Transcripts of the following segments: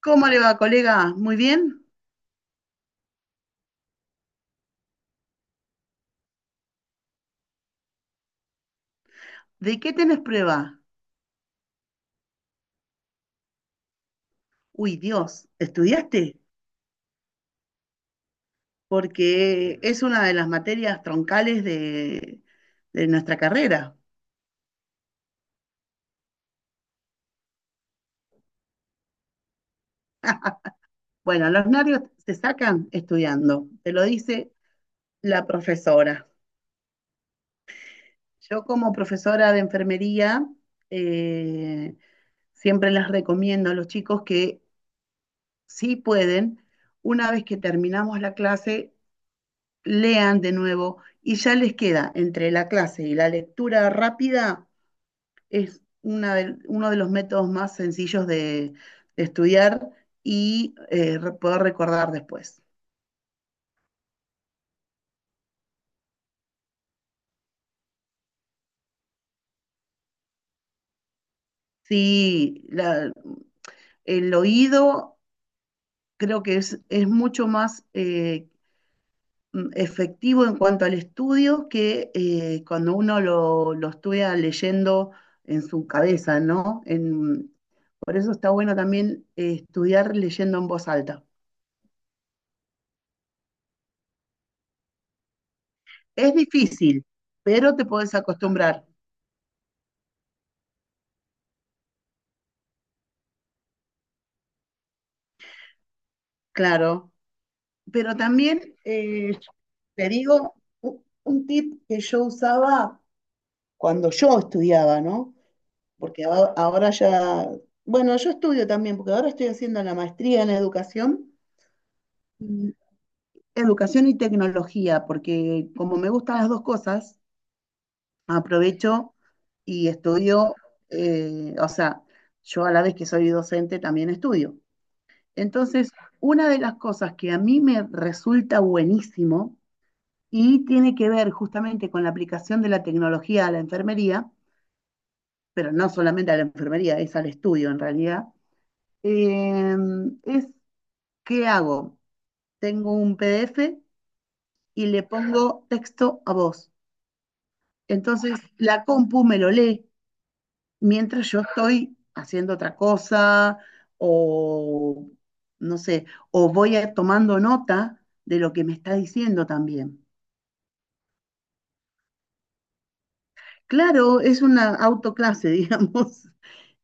¿Cómo le va, colega? ¿Muy bien? ¿De qué tenés prueba? Uy, Dios, ¿estudiaste? Porque es una de las materias troncales de nuestra carrera. Bueno, los nervios se sacan estudiando, te lo dice la profesora. Yo como profesora de enfermería, eh, siempre les recomiendo a los chicos que si pueden, una vez que terminamos la clase, lean de nuevo y ya les queda entre la clase y la lectura rápida, es uno de los métodos más sencillos de estudiar y poder recordar después. Sí, el oído creo que es mucho más efectivo en cuanto al estudio que cuando uno lo estudia leyendo en su cabeza, ¿no? Por eso está bueno también estudiar leyendo en voz alta. Es difícil, pero te puedes acostumbrar, claro. Pero también te digo un tip que yo usaba cuando yo estudiaba, ¿no? Porque ahora ya, bueno, yo estudio también, porque ahora estoy haciendo la maestría en educación, y- educación y tecnología, porque como me gustan las dos cosas, aprovecho y estudio, o sea, yo a la vez que soy docente también estudio. Entonces, una de las cosas que a mí me resulta buenísimo y tiene que ver justamente con la aplicación de la tecnología a la enfermería, pero no solamente a la enfermería, es al estudio en realidad, eh, es qué hago. Tengo un PDF y le pongo texto a voz. Entonces, la compu me lo lee mientras yo estoy haciendo otra cosa o no sé, o tomando nota de lo que me está diciendo también. Claro, es una autoclase, digamos,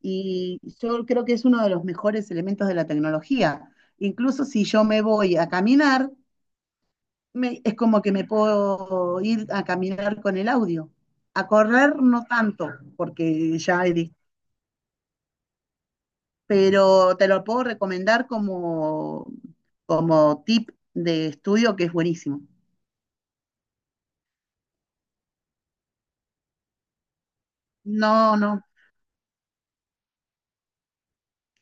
y yo creo que es uno de los mejores elementos de la tecnología. Incluso si yo me voy a caminar, es como que me puedo ir a caminar con el audio. A correr no tanto, porque ya es pero te lo puedo recomendar como, como tip de estudio que es buenísimo. No, no.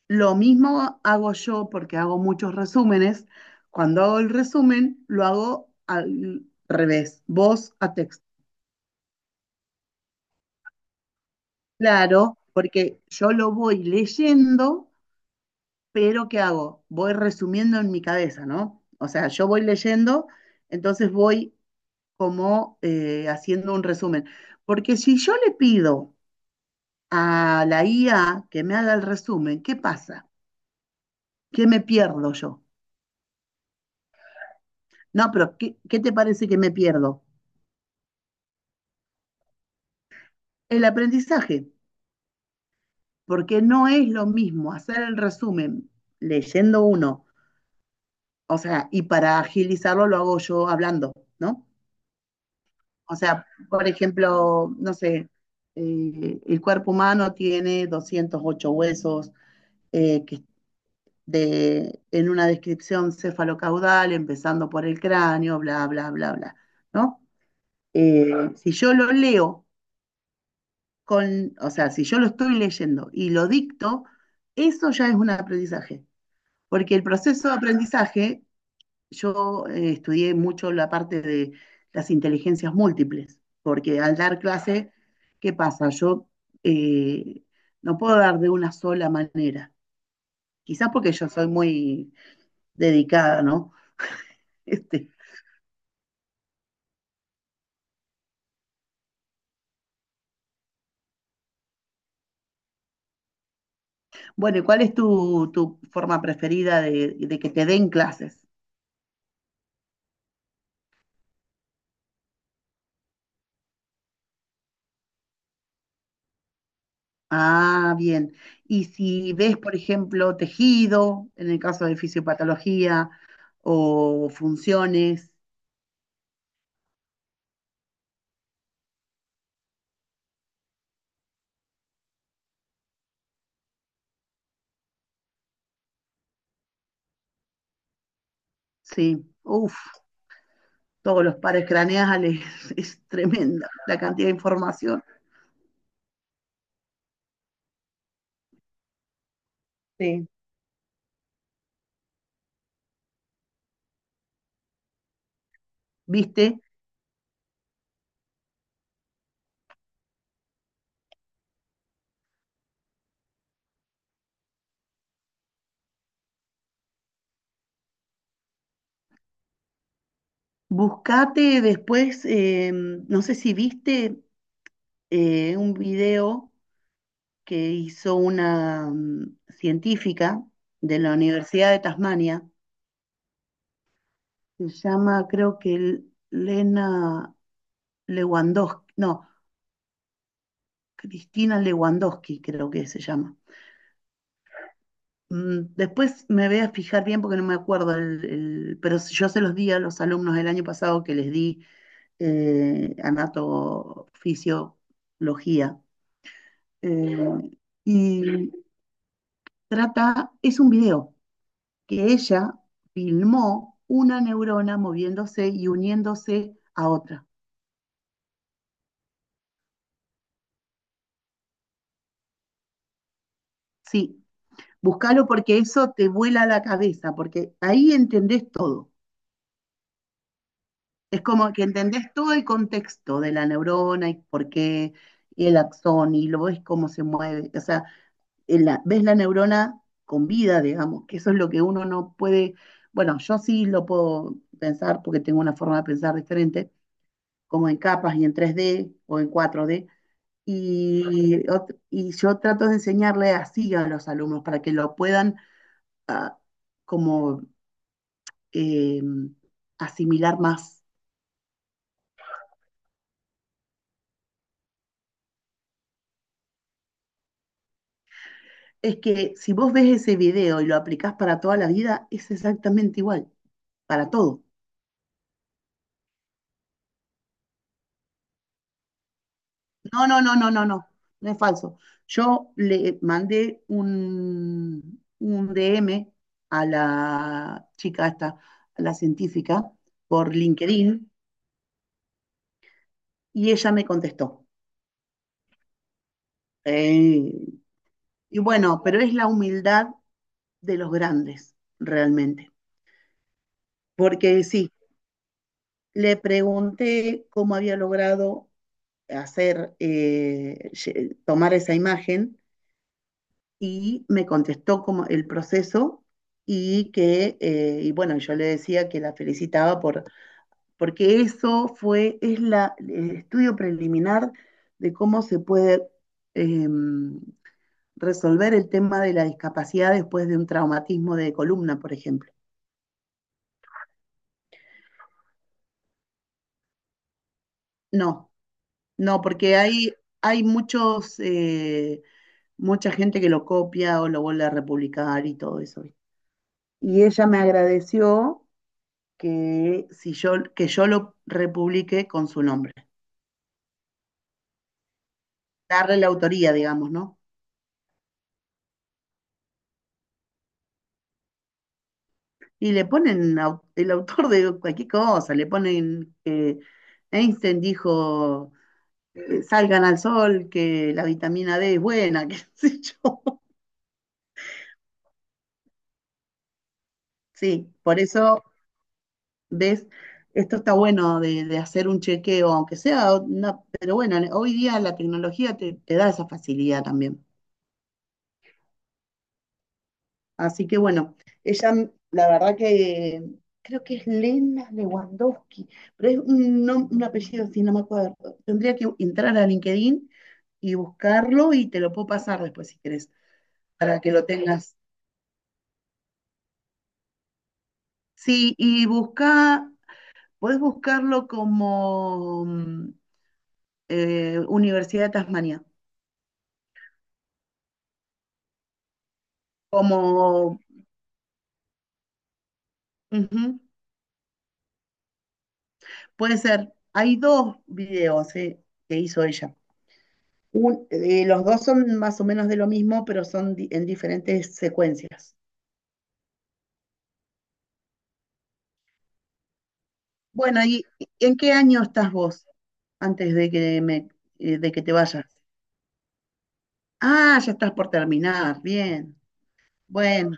Lo mismo hago yo porque hago muchos resúmenes. Cuando hago el resumen, lo hago al revés, voz a texto. Claro, porque yo lo voy leyendo, pero ¿qué hago? Voy resumiendo en mi cabeza, ¿no? O sea, yo voy leyendo, entonces voy como haciendo un resumen. Porque si yo le pido a la IA que me haga el resumen, ¿qué pasa? ¿Qué me pierdo yo? No, pero ¿qué, qué te parece que me pierdo? El aprendizaje, porque no es lo mismo hacer el resumen leyendo uno, o sea, y para agilizarlo lo hago yo hablando, ¿no? O sea, por ejemplo, no sé, el cuerpo humano tiene 208 huesos, que de, en una descripción cefalocaudal, empezando por el cráneo, bla, bla, bla, bla, ¿no? Si yo lo leo, con, o sea, si yo lo estoy leyendo y lo dicto, eso ya es un aprendizaje. Porque el proceso de aprendizaje, yo estudié mucho la parte de las inteligencias múltiples, porque al dar clase, ¿qué pasa? Yo eh, no puedo dar de una sola manera. Quizás porque yo soy muy dedicada, ¿no? Este, bueno, ¿cuál es tu forma preferida de que te den clases? Ah, bien. Y si ves, por ejemplo, tejido, en el caso de fisiopatología, o funciones, sí. Uf, todos los pares craneales, es tremenda la cantidad de información. Sí. ¿Viste? Buscate después, no sé si viste un video que hizo una científica de la Universidad de Tasmania, se llama, creo que Lena Lewandowski, no, Cristina Lewandowski creo que se llama. Después me voy a fijar bien porque no me acuerdo, pero yo se los di a los alumnos del año pasado que les di anatofisiología. eh, y trata, es un video que ella filmó una neurona moviéndose y uniéndose a otra. Sí, búscalo porque eso te vuela la cabeza, porque ahí entendés todo. Es como que entendés todo el contexto de la neurona y por qué, y el axón, y lo ves cómo se mueve. O sea, ves la neurona con vida, digamos, que eso es lo que uno no puede. Bueno, yo sí lo puedo pensar porque tengo una forma de pensar diferente, como en capas y en 3D o en 4D. Y, y yo trato de enseñarle así a los alumnos para que lo puedan ah, como eh, asimilar más. Es que si vos ves ese video y lo aplicás para toda la vida, es exactamente igual, para todo. No, no, no, no, no, no, no es falso. Yo le mandé un DM a la chica esta, a la científica, por LinkedIn, y ella me contestó. Eh, y bueno, pero es la humildad de los grandes, realmente. Porque sí, le pregunté cómo había logrado hacer, tomar esa imagen y me contestó como el proceso y que, y bueno, yo le decía que la felicitaba porque eso fue, es el estudio preliminar de cómo se puede eh, resolver el tema de la discapacidad después de un traumatismo de columna, por ejemplo. No, no, porque hay muchos, mucha gente que lo copia o lo vuelve a republicar y todo eso, ¿viste? Y ella me agradeció que, si yo, que yo lo republique con su nombre, darle la autoría, digamos, ¿no? Y le ponen el autor de cualquier cosa, le ponen que Einstein dijo, salgan al sol, que la vitamina D es buena, qué sé yo. Sí, por eso, ves, esto está bueno de hacer un chequeo, aunque sea, una- pero bueno, hoy día la tecnología te da esa facilidad también. Así que bueno, ella, la verdad que creo que es Lena Lewandowski, pero es un apellido así, no me acuerdo. Tendría que entrar a LinkedIn y buscarlo y te lo puedo pasar después si querés, para que lo tengas. Sí, y busca, podés buscarlo como Universidad de Tasmania, como, ujú, puede ser, hay dos videos que hizo ella. Eh, los dos son más o menos de lo mismo, pero son en diferentes secuencias. Bueno, ¿y en qué año estás vos antes de que me, de que te vayas? Ah, ya estás por terminar. Bien. Bueno,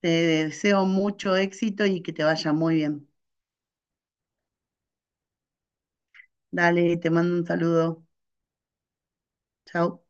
te deseo mucho éxito y que te vaya muy bien. Dale, te mando un saludo. Chao.